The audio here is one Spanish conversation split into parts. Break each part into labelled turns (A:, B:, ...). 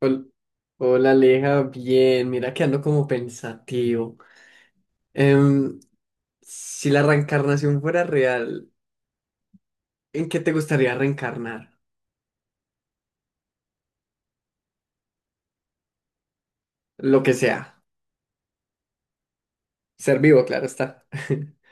A: Hol- Hola Aleja, bien, mira que ando como pensativo. Em, si la reencarnación fuera real, ¿en qué te gustaría reencarnar? Lo que sea. Ser vivo, claro está.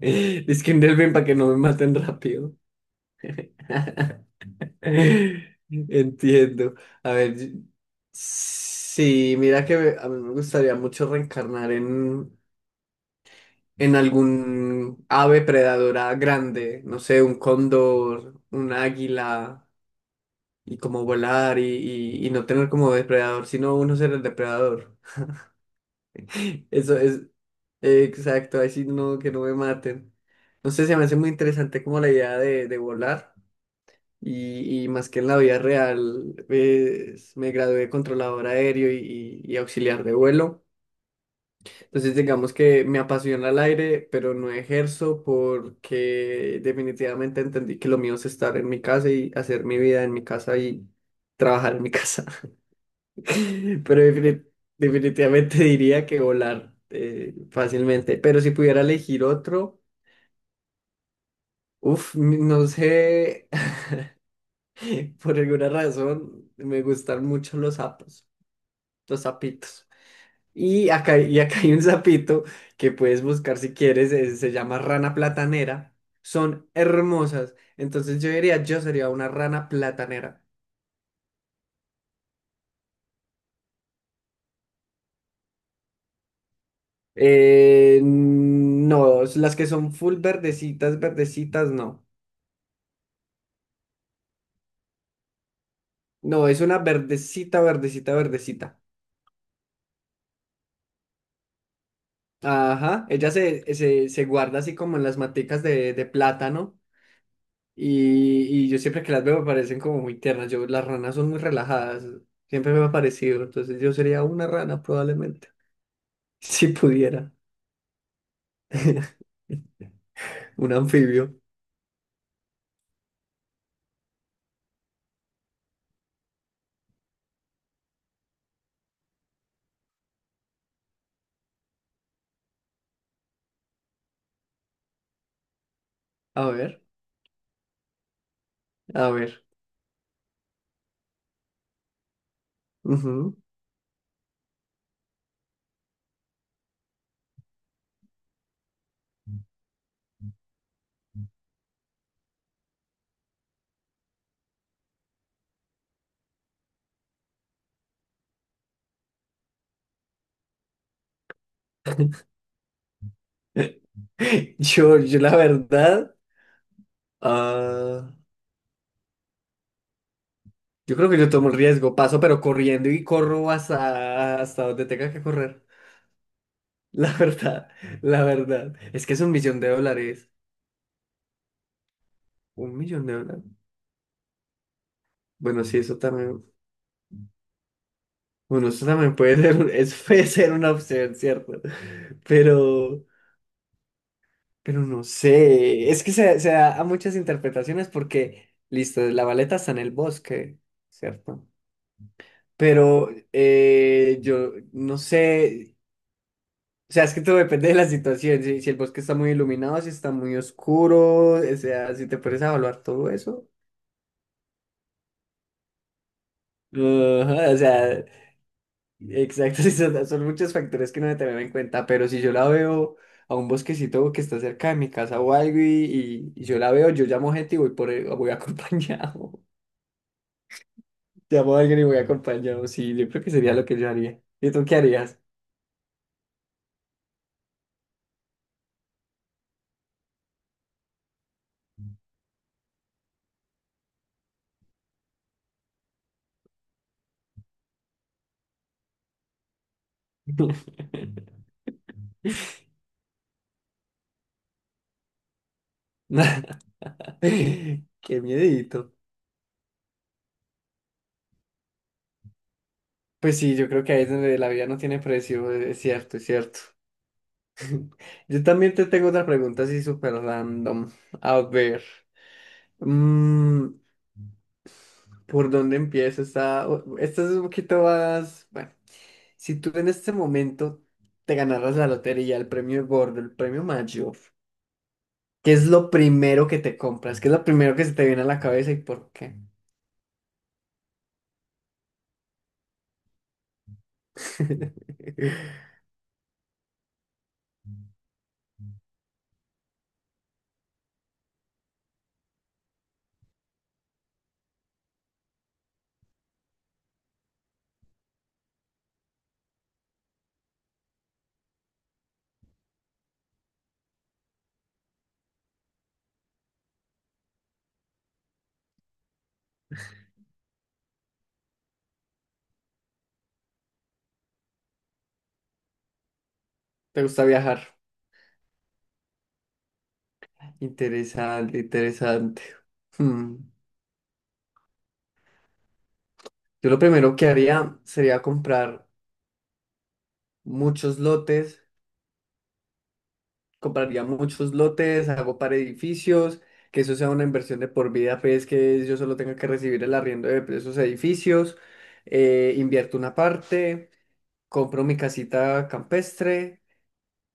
A: Es que bien para que no me maten rápido. Entiendo. A ver, sí, mira que a mí me gustaría mucho reencarnar en algún ave predadora grande, no sé, un cóndor, un águila, y como volar y no tener como depredador, sino uno ser el depredador. Eso es exacto, así no, que no me maten. No sé, se me hace muy interesante como la idea de volar. Y más que en la vida real, pues, me gradué de controlador aéreo y auxiliar de vuelo. Entonces, digamos que me apasiona el aire, pero no ejerzo porque definitivamente entendí que lo mío es estar en mi casa y hacer mi vida en mi casa y trabajar en mi casa. Pero definitivamente diría que volar, fácilmente. Pero si pudiera elegir otro, uff, no sé, por alguna razón me gustan mucho los sapos, los sapitos. Y acá hay un sapito que puedes buscar si quieres, se llama rana platanera. Son hermosas. Entonces yo diría, yo sería una rana platanera. No, las que son full verdecitas, verdecitas, no. No, es una verdecita, verdecita, verdecita. Ajá, ella se guarda así como en las maticas de plátano. Y yo siempre que las veo me parecen como muy tiernas. Yo, las ranas son muy relajadas. Siempre me ha parecido. Entonces yo sería una rana probablemente. Si pudiera. Un anfibio. A ver, a ver. Ujú. Yo la verdad, ah, yo creo que yo tomo el riesgo. Paso pero corriendo y corro hasta donde tenga que correr. La verdad, la verdad. Es que es 1 millón de dólares. Un millón de dólares. Bueno, sí, eso también. Bueno, eso también puede ser, es puede ser una opción, ¿cierto? Pero, pero no sé, es que se da a muchas interpretaciones porque, listo, la baleta está en el bosque, ¿cierto? Pero, yo no sé, o sea, es que todo depende de la situación, si el bosque está muy iluminado, si está muy oscuro, o sea, si te puedes evaluar todo eso. Ajá, o sea, exacto, sí, son muchos factores que no se tener en cuenta, pero si yo la veo a un bosquecito que está cerca de mi casa o algo y yo la veo, yo llamo gente y voy acompañado. Llamo a alguien y voy acompañado. Sí, yo creo que sería lo que yo haría. ¿Y tú qué harías? Qué miedito. Pues sí, yo creo que ahí es donde la vida no tiene precio, es cierto, es cierto. Yo también te tengo otra pregunta así súper random. A ver. mm, ¿Por dónde empiezo? Esta es un poquito más, bueno, si tú en este momento te ganaras la lotería, el premio gordo, el premio mayor, ¿qué es lo primero que te compras? ¿Qué es lo primero que se te viene a la cabeza y por qué? ¿Te gusta viajar? Interesante, interesante. Hmm. Yo lo primero que haría sería comprar muchos lotes, compraría muchos lotes, hago para edificios, que eso sea una inversión de por vida, pues que yo solo tenga que recibir el arriendo de esos edificios, invierto una parte, compro mi casita campestre,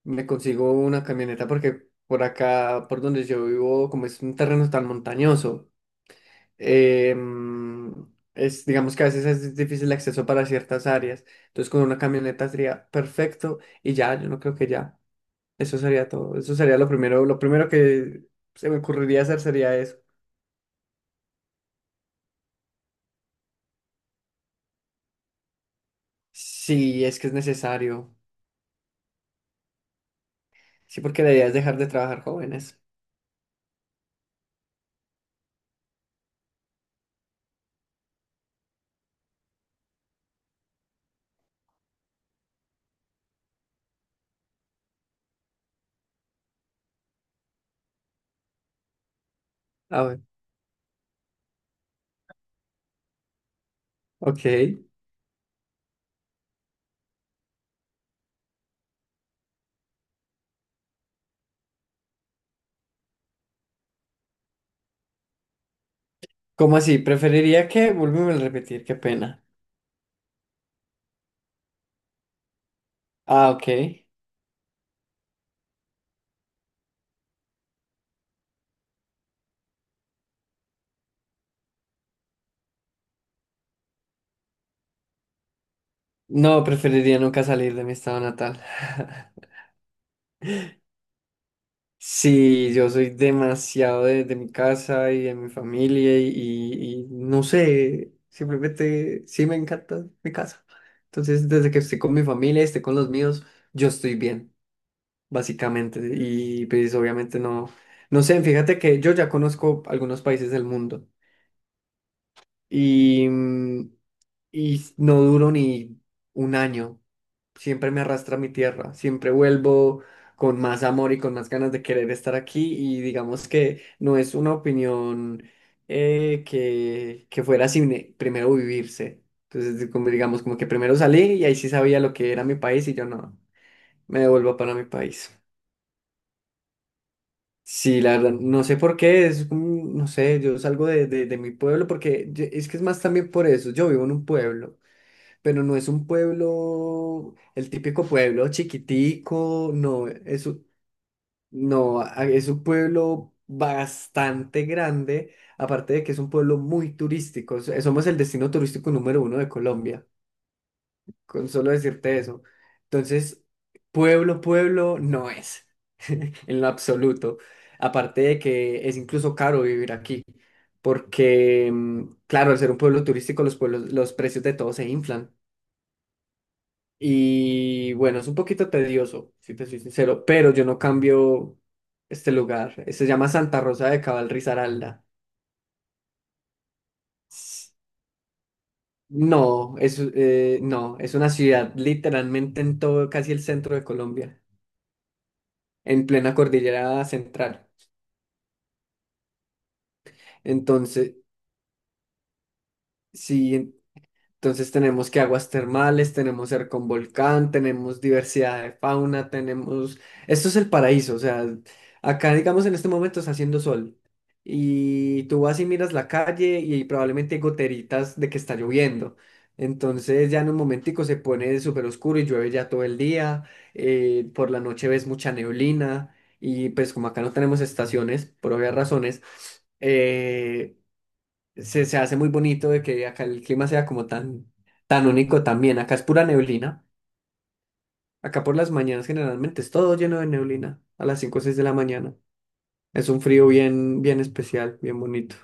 A: me consigo una camioneta porque por acá, por donde yo vivo, como es un terreno tan montañoso, em, es, digamos que a veces es difícil el acceso para ciertas áreas, entonces con una camioneta sería perfecto y ya, yo no creo que ya. Eso sería todo. Eso sería lo primero que se me ocurriría hacer sería eso. Sí, es que es necesario. Sí, porque la idea es dejar de trabajar jóvenes. A ver, ok. ¿Cómo así? Preferiría que, vuélveme a repetir, qué pena. Ah, ok. No, preferiría nunca salir de mi estado natal. Sí, yo soy demasiado de mi casa y de mi familia y, y no sé, simplemente sí me encanta mi casa. Entonces, desde que estoy con mi familia, esté con los míos, yo estoy bien, básicamente. Y pues obviamente no, no sé, fíjate que yo ya conozco algunos países del mundo y, mm, y no duro ni un año. Siempre me arrastra a mi tierra, siempre vuelvo con más amor y con más ganas de querer estar aquí y digamos que no es una opinión, que fuera sin primero vivirse. Entonces, como digamos, como que primero salí y ahí sí sabía lo que era mi país y yo no, me devuelvo para mi país. Sí, la verdad, no sé por qué, es como, no sé, yo salgo de mi pueblo porque es que es más también por eso, yo vivo en un pueblo. Pero no es un pueblo, el típico pueblo chiquitico, no, es un, no, es un pueblo bastante grande, aparte de que es un pueblo muy turístico, somos el destino turístico número uno de Colombia, con solo decirte eso. Entonces, pueblo, pueblo no es, en lo absoluto, aparte de que es incluso caro vivir aquí. Porque, claro, al ser un pueblo turístico, los pueblos, los precios de todo se inflan. Y bueno, es un poquito tedioso, si te soy sincero, pero yo no cambio este lugar. Se llama Santa Rosa de Cabal, Risaralda. S- No, no, es una ciudad literalmente en todo, casi el centro de Colombia, en plena cordillera central. Entonces, sí, entonces tenemos que aguas termales, tenemos ser con volcán, tenemos diversidad de fauna, tenemos... Esto es el paraíso, o sea, acá digamos en este momento está haciendo sol y tú vas y miras la calle y probablemente hay goteritas de que está lloviendo. Entonces ya en un momentico se pone súper oscuro y llueve ya todo el día, por la noche ves mucha neblina y pues como acá no tenemos estaciones, por obvias razones, eh, se hace muy bonito de que acá el clima sea como tan, tan único también. Acá es pura neblina. Acá por las mañanas generalmente es todo lleno de neblina a las 5 o 6 de la mañana. Es un frío bien, bien especial, bien bonito.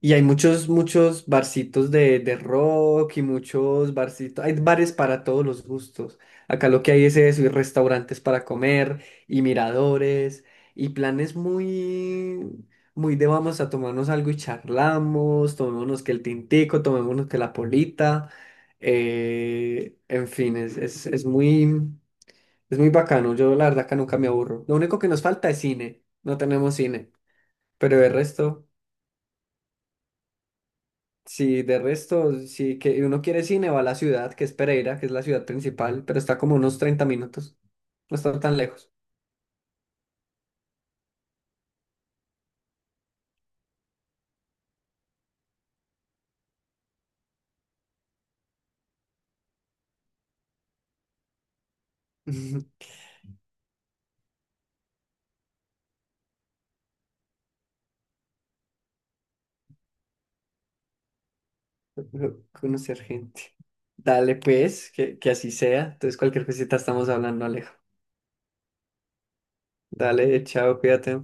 A: Y hay muchos, muchos barcitos de rock y muchos barcitos. Hay bares para todos los gustos. Acá lo que hay es eso, y restaurantes para comer, y miradores, y planes muy, muy de vamos a tomarnos algo y charlamos, tomémonos que el tintico, tomémonos que la polita. Eh, en fin, es muy bacano. Yo la verdad que nunca me aburro. Lo único que nos falta es cine. No tenemos cine. Pero el resto. Sí, de resto, sí, que uno quiere cine, va a la ciudad, que es Pereira, que es la ciudad principal, pero está como unos 30 minutos. No está tan lejos. Conocer gente. Dale, pues, que así sea. Entonces, cualquier cosita estamos hablando, Alejo. Dale, chao, cuídate.